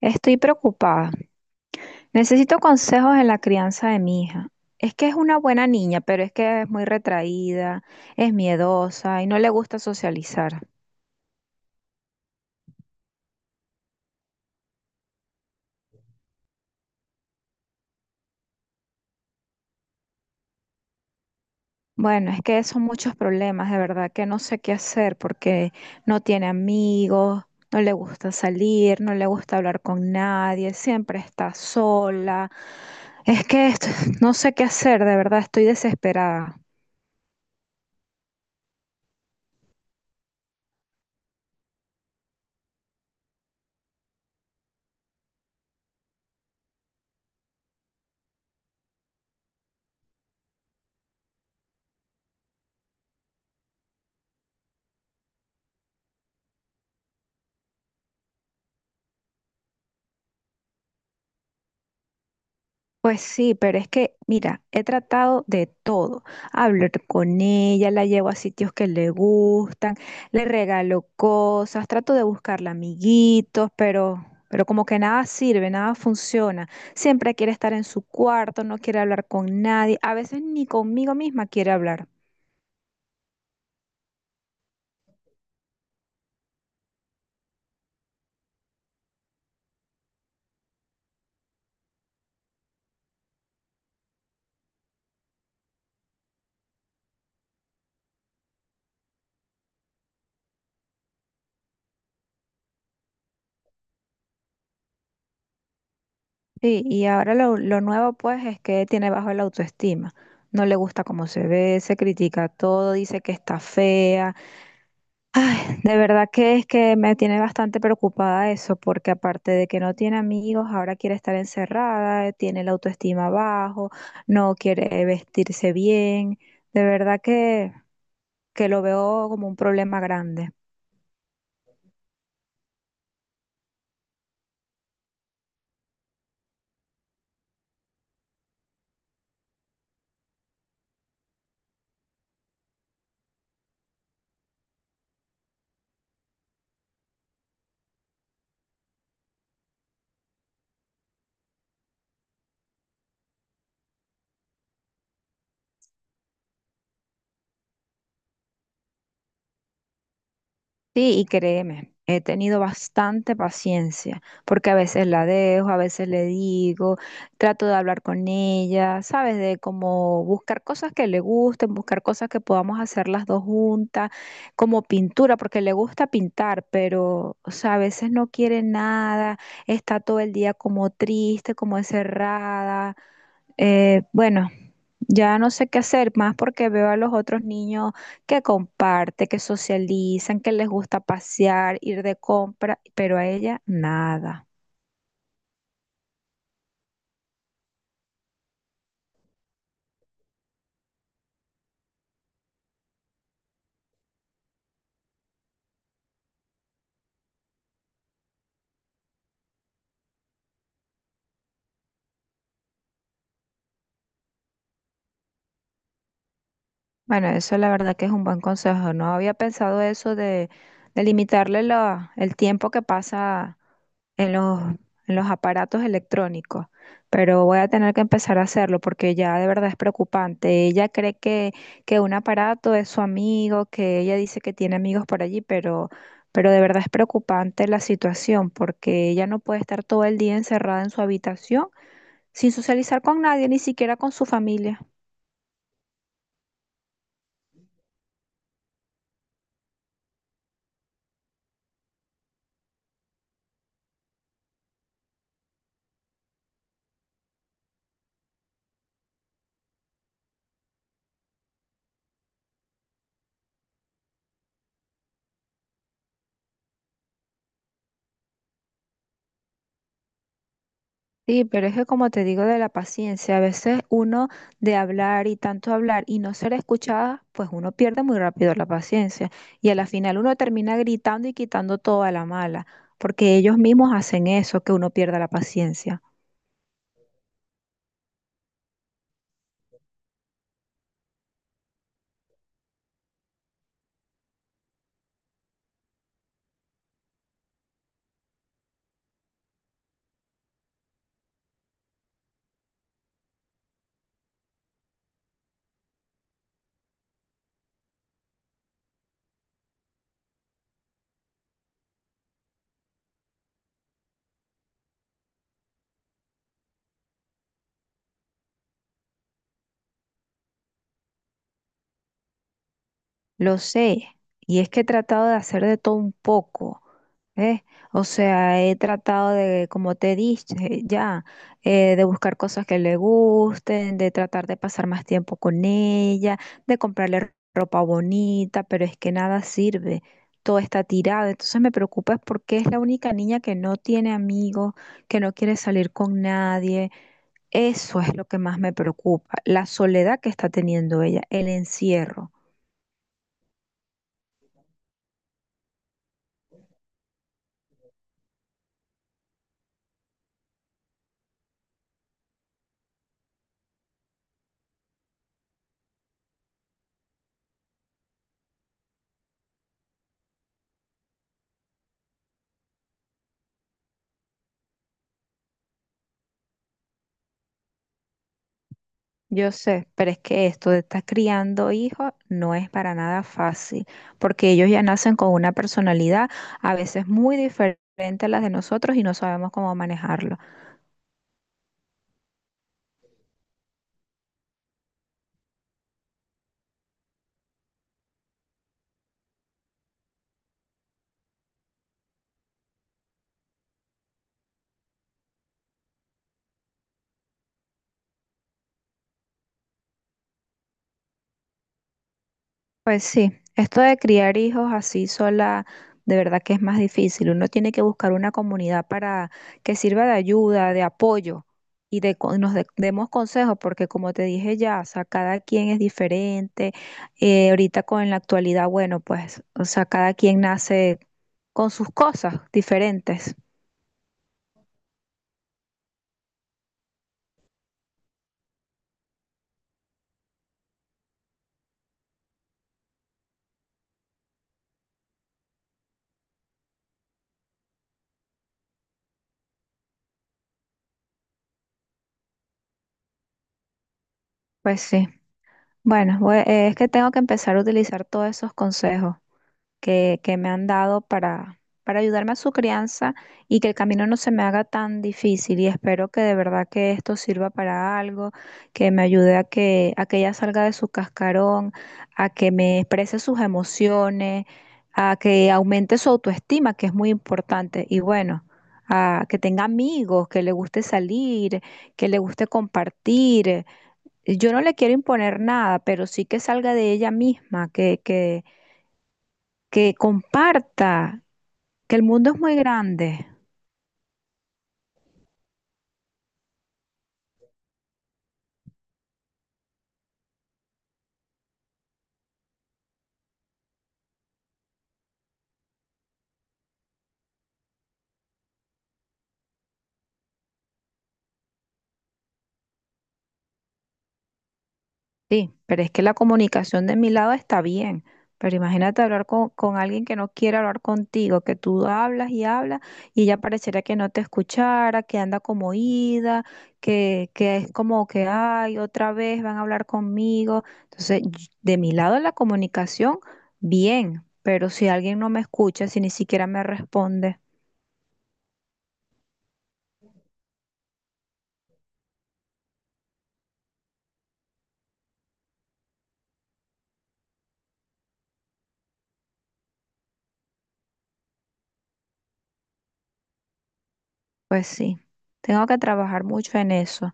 Estoy preocupada. Necesito consejos en la crianza de mi hija. Es que es una buena niña, pero es que es muy retraída, es miedosa y no le gusta socializar. Bueno, es que son muchos problemas, de verdad que no sé qué hacer porque no tiene amigos, no le gusta salir, no le gusta hablar con nadie, siempre está sola. Es que no sé qué hacer, de verdad estoy desesperada. Pues sí, pero es que, mira, he tratado de todo. Hablo con ella, la llevo a sitios que le gustan, le regalo cosas, trato de buscarle amiguitos, pero como que nada sirve, nada funciona. Siempre quiere estar en su cuarto, no quiere hablar con nadie, a veces ni conmigo misma quiere hablar. Sí, y ahora lo nuevo pues es que tiene bajo la autoestima. No le gusta cómo se ve, se critica todo, dice que está fea. Ay, de verdad que es que me tiene bastante preocupada eso, porque aparte de que no tiene amigos, ahora quiere estar encerrada, tiene la autoestima bajo, no quiere vestirse bien. De verdad que lo veo como un problema grande. Sí, y créeme, he tenido bastante paciencia, porque a veces la dejo, a veces le digo, trato de hablar con ella, ¿sabes? De como buscar cosas que le gusten, buscar cosas que podamos hacer las dos juntas, como pintura, porque le gusta pintar, pero, o sea, a veces no quiere nada, está todo el día como triste, como encerrada. Bueno, ya no sé qué hacer más porque veo a los otros niños que comparten, que socializan, que les gusta pasear, ir de compra, pero a ella nada. Bueno, eso la verdad que es un buen consejo. No había pensado eso de el tiempo que pasa en en los aparatos electrónicos, pero voy a tener que empezar a hacerlo porque ya de verdad es preocupante. Ella cree que un aparato es su amigo, que ella dice que tiene amigos por allí, pero de verdad es preocupante la situación porque ella no puede estar todo el día encerrada en su habitación sin socializar con nadie, ni siquiera con su familia. Sí, pero es que como te digo de la paciencia, a veces uno de hablar y tanto hablar y no ser escuchada, pues uno pierde muy rápido la paciencia y a la final uno termina gritando y quitando toda la mala, porque ellos mismos hacen eso, que uno pierda la paciencia. Lo sé, y es que he tratado de hacer de todo un poco, ¿ves? O sea, he tratado de, como te dije ya, de buscar cosas que le gusten, de tratar de pasar más tiempo con ella, de comprarle ropa bonita, pero es que nada sirve, todo está tirado. Entonces me preocupa es porque es la única niña que no tiene amigos, que no quiere salir con nadie. Eso es lo que más me preocupa, la soledad que está teniendo ella, el encierro. Yo sé, pero es que esto de estar criando hijos no es para nada fácil, porque ellos ya nacen con una personalidad a veces muy diferente a las de nosotros y no sabemos cómo manejarlo. Pues sí, esto de criar hijos así sola, de verdad que es más difícil. Uno tiene que buscar una comunidad para que sirva de ayuda, de apoyo y nos demos consejos, porque como te dije ya, o sea, cada quien es diferente. Ahorita con la actualidad, bueno, pues, o sea, cada quien nace con sus cosas diferentes. Pues sí, bueno, es que tengo que empezar a utilizar todos esos consejos que me han dado para ayudarme a su crianza y que el camino no se me haga tan difícil. Y espero que de verdad que esto sirva para algo, que me ayude a a que ella salga de su cascarón, a que me exprese sus emociones, a que aumente su autoestima, que es muy importante. Y bueno, a que tenga amigos, que le guste salir, que le guste compartir. Yo no le quiero imponer nada, pero sí que salga de ella misma, que comparta, que el mundo es muy grande. Sí, pero es que la comunicación de mi lado está bien. Pero imagínate hablar con alguien que no quiere hablar contigo, que tú hablas y hablas y ella pareciera que no te escuchara, que anda como ida, que es como que, ay, otra vez van a hablar conmigo. Entonces, de mi lado la comunicación, bien, pero si alguien no me escucha, si ni siquiera me responde, pues sí, tengo que trabajar mucho en eso,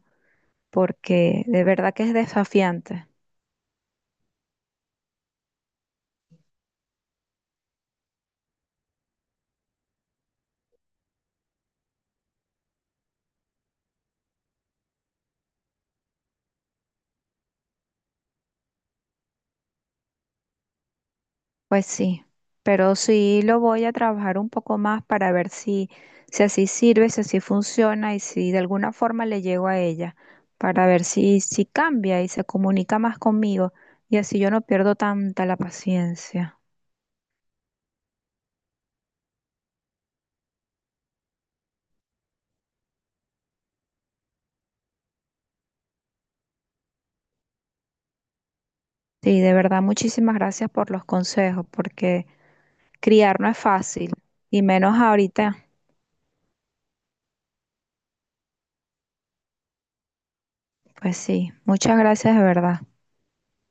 porque de verdad que es desafiante. Pues sí, pero sí lo voy a trabajar un poco más para ver si así sirve, si así funciona y si de alguna forma le llego a ella, para ver si cambia y se comunica más conmigo y así yo no pierdo tanta la paciencia. Sí, de verdad, muchísimas gracias por los consejos, porque criar no es fácil y menos ahorita. Pues sí, muchas gracias de verdad.